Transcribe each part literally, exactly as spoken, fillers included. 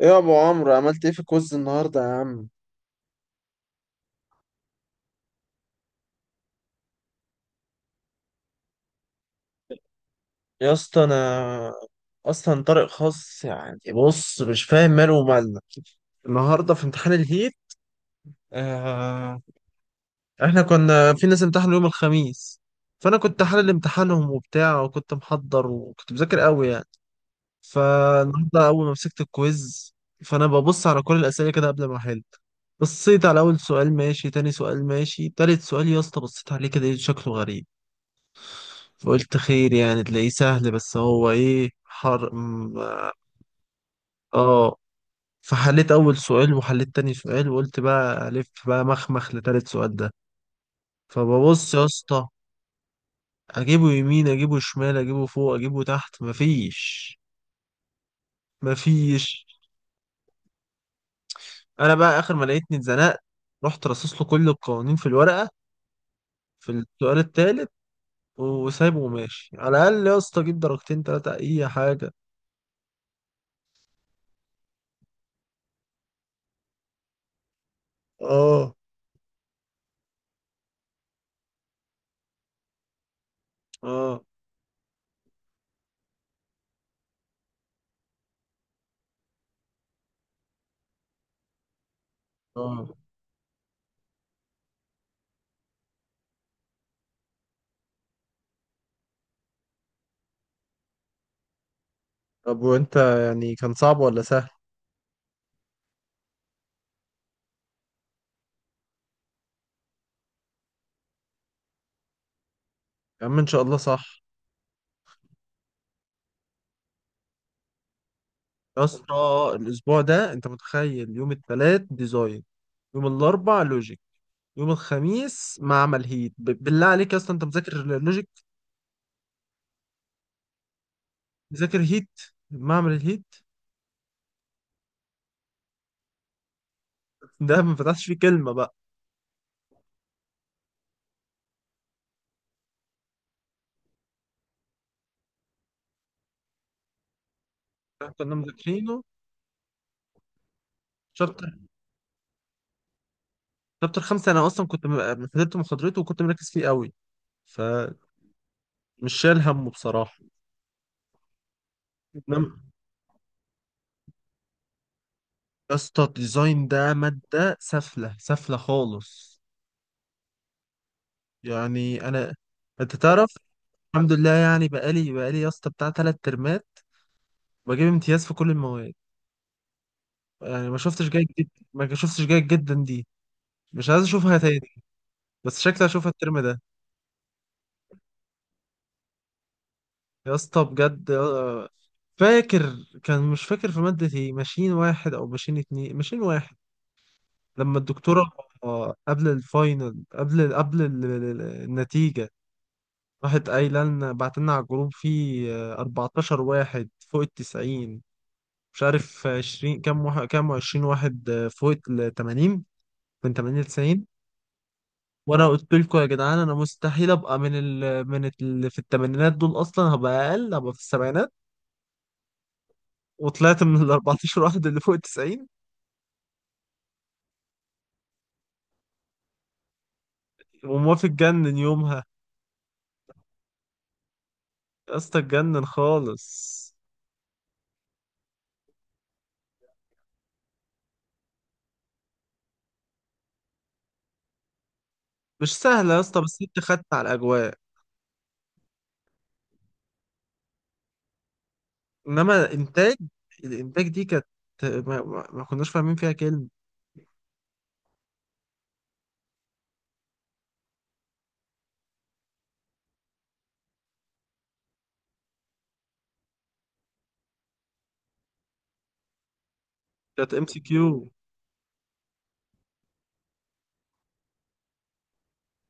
ايه يا ابو عمرو عملت ايه في الكوز النهارده يا عم؟ يا اسطى انا اصلا طارق خاص يعني، بص مش فاهم ماله ومالنا. النهارده في امتحان الهيت. آه، احنا كنا في ناس امتحنوا يوم الخميس، فانا كنت حلل امتحانهم وبتاع، وكنت محضر وكنت مذاكر قوي يعني. فالنهارده اول ما مسكت الكويز، فانا ببص على كل الاسئله كده قبل ما احل. بصيت على اول سؤال ماشي، تاني سؤال ماشي، تالت سؤال يا اسطى بصيت عليه كده إيه، شكله غريب. فقلت خير يعني تلاقيه سهل، بس هو ايه حر م- اه فحليت اول سؤال وحليت تاني سؤال، وقلت بقى الف بقى مخمخ لتالت سؤال ده. فببص يا اسطى، اجيبه يمين اجيبه شمال اجيبه فوق اجيبه تحت، مفيش. مفيش. انا بقى اخر ما لقيتني اتزنقت، رحت رصص له كل القوانين في الورقة في السؤال التالت، وسايبه وماشي. على الاقل يا اسطى اجيب درجتين تلاتة اي حاجة. اه. اه. اه. طب وانت يعني كان صعب ولا سهل؟ يا عم ان شاء الله صح. يا اسطى الاسبوع ده انت متخيل؟ يوم الثلاث ديزاين، يوم الاربع لوجيك، يوم الخميس معمل هيت. ب- بالله عليك يا اسطى، انت مذاكر لوجيك؟ مذاكر هيت؟ معمل الهيت ده ما فتحش فيه كلمه بقى. احنا كنا مذاكرينه. شابتر، شابتر خمسة انا اصلا كنت م- حضرت محاضرته وكنت مركز فيه قوي. فمش شايل همه بصراحه. انما يا اسطى الديزاين ده ماده سفله سفله خالص. يعني انا، انت تعرف، الحمد لله يعني، بقالي بقالي يا اسطى بتاع تلات ترمات بجيب امتياز في كل المواد. يعني ما شفتش جيد جدا، ما شفتش جيد جدا دي، مش عايز اشوفها تاني. بس شكلي اشوفها الترم ده. يا اسطى بجد آه، فاكر، كان مش فاكر في مادة ايه، ماشين واحد او ماشين اتنين، ماشين واحد، لما الدكتورة، آه، قبل الفاينل، قبل قبل ال- ال- ال- النتيجة، راحت قايلة لنا بعت لنا على الجروب، فيه آه، اربعتاشر واحد فوق التسعين، مش عارف عشرين كام واحد، كام عشرين واحد آه، فوق ال تمانين، من تمانين ل تسعين. وانا قلت لكم يا جدعان انا مستحيل ابقى من ال من اللي في الثمانينات دول، اصلا هبقى اقل، هبقى في السبعينات. وطلعت من ال اربعتاشر واحد اللي فوق ال تسعين. وموافق اتجنن يومها، يا اسطى اتجنن خالص. مش سهله يا اسطى، بس انت خدت على الاجواء. انما انتاج، الانتاج دي كانت، ما, ما ما كناش فاهمين فيها كلمه. كانت ام سي كيو.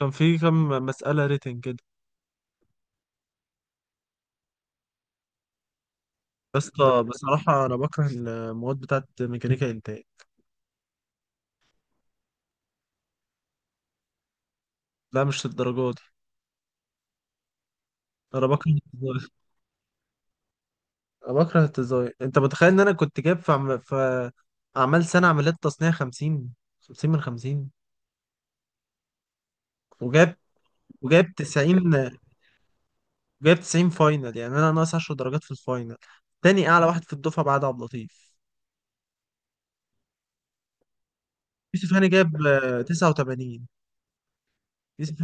كان في كام مساله ريتنج كده بس. بصراحة أنا بكره المواد بتاعت ميكانيكا إنتاج. لا مش للدرجة دي. أنا بكره التزاين، أنا بكره التزاين. أنت متخيل إن أنا كنت جايب في عم... في أعمال سنة عمليات تصنيع خمسين، خمسين من خمسين. وجايب وجايب تسعين. جايب تسعين فاينل، يعني أنا ناقص عشر درجات في الفاينل. تاني أعلى واحد في الدفعة بعد عبد اللطيف. يوسف هاني جايب آه، تسعة وتمانين. يوسف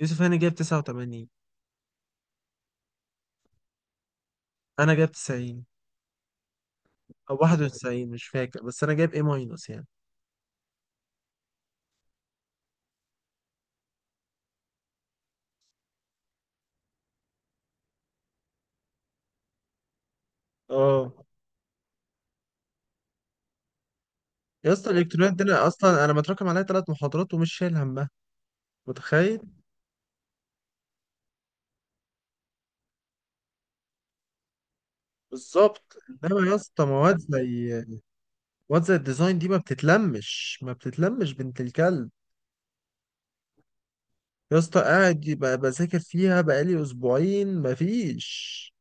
يوسف هاني جايب تسعة وتمانين. أنا جايب تسعين، أو واحد وتسعين مش فاكر، بس أنا جايب إيه ماينس يعني. اه يا اسطى الالكترونيات دي أنا اصلا انا متراكم عليا ثلاث محاضرات ومش شايل همها. متخيل. بالظبط. انما يا اسطى مواد زي، مواد زي الديزاين دي ما بتتلمش، ما بتتلمش بنت الكلب. يا اسطى قاعد يبقى بذاكر فيها بقالي اسبوعين، مفيش.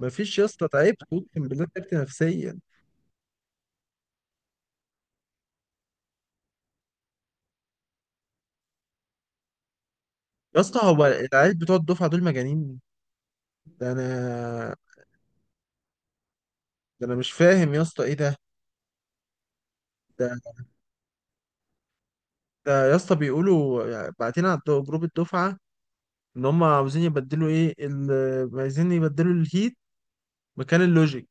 مفيش يا اسطى، تعبت اقسم بالله، تعبت نفسيا. يا اسطى هو العيال بتوع الدفعه دول مجانين. ده انا ده انا مش فاهم يا اسطى ايه ده. ده ده يا اسطى بيقولوا يعني، بعتين على الدو- جروب الدفعه ان هم عاوزين يبدلوا ايه ال- عايزين يبدلوا الهيت مكان اللوجيك.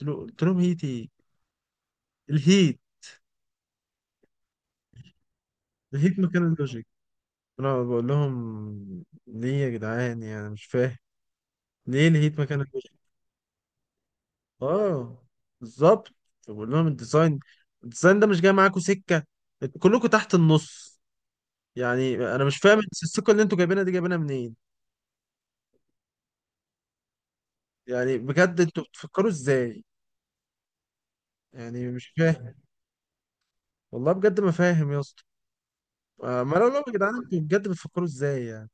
قلت له- قلت لهم هيت ايه؟ الهيت، الهيت مكان اللوجيك. انا بقول لهم ليه يا جدعان، يعني مش فاهم ليه الهيت مكان اللوجيك. اه بالظبط. فبقول لهم الديزاين، الديزاين ده مش جاي معاكم سكه، انتوا كلكم تحت النص. يعني انا مش فاهم السكه اللي انتوا جايبينها دي جايبينها منين. يعني بجد انتوا بتفكروا ازاي؟ يعني مش فاهم. والله بجد ما فاهم يا اسطى. آه، ما لو لو يا جدعان انتوا بجد بتفكروا ازاي يعني.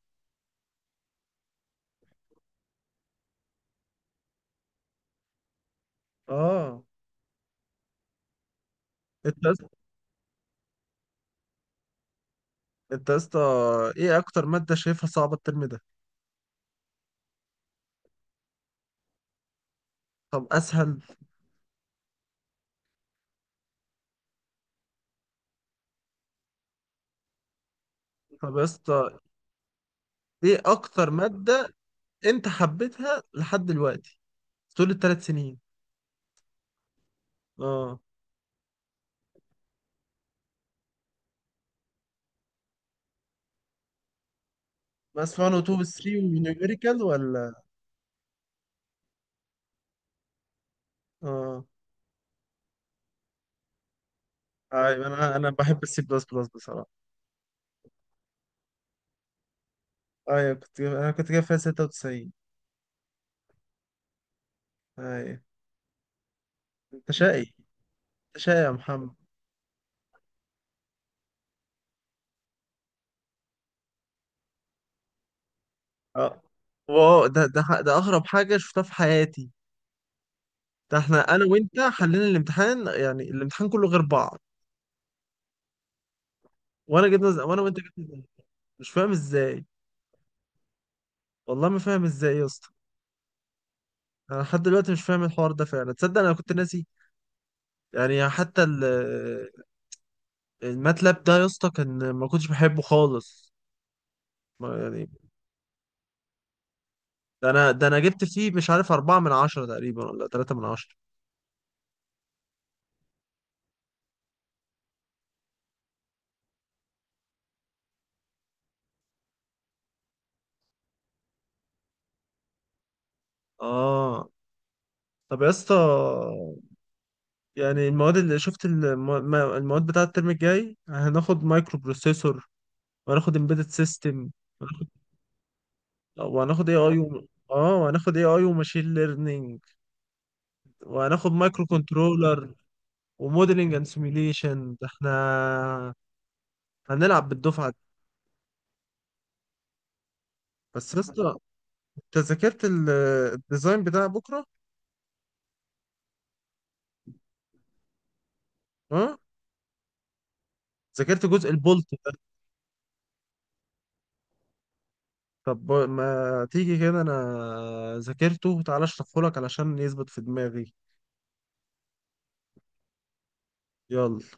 اه. انت يا اسطى- انت يا اسطى، ايه اكتر ماده شايفها صعبه الترم ده؟ طب اسهل؟ طب يا اسطى ايه اكتر ماده انت حبيتها لحد دلوقتي طول الثلاث سنين؟ اه. بس واحد و اتنين و تلاتة ونيوميريكال ولا؟ اه. ايوه، انا انا بحب السي بلس بلس بصراحه. ايوه كنت جايب... انا كنت جايب فيها ستة وتسعين. ايوه. انت شقي. انت شقي يا محمد. اه واو، ده ده ح- ده اغرب حاجه شفتها في حياتي. ده احنا انا وانت حلينا الامتحان يعني الامتحان كله غير بعض. وانا جبنا زي... وانا وانت جبنا زي... مش فاهم ازاي. والله ما فاهم ازاي يا اسطى. انا لحد دلوقتي مش فاهم الحوار ده، فعلا تصدق انا كنت ناسي. يعني حتى ال... الماتلاب ده يا اسطى كان ما كنتش بحبه خالص. ما يعني ده انا ده انا جبت فيه مش عارف أربعة من عشرة تقريبا ولا تلاتة من عشرة. اه. طب يا اسطى يعني المواد اللي شفت الم... ما- المواد بتاعة الترم الجاي، هناخد مايكرو بروسيسور، وهناخد امبيدد سيستم، وهناخد اي اي و... اه وهناخد اي اي وماشين ليرنينج، وهناخد مايكرو كنترولر، وموديلنج اند سيميليشن. ده احنا هنلعب بالدفعه دي. بس يا اسطى انت ذاكرت ال- الديزاين بتاع بكره؟ اه، ذاكرت جزء البولت ده؟ طب ما تيجي كده انا ذاكرته، تعالى اشرحه لك علشان يثبت في دماغي. يلا.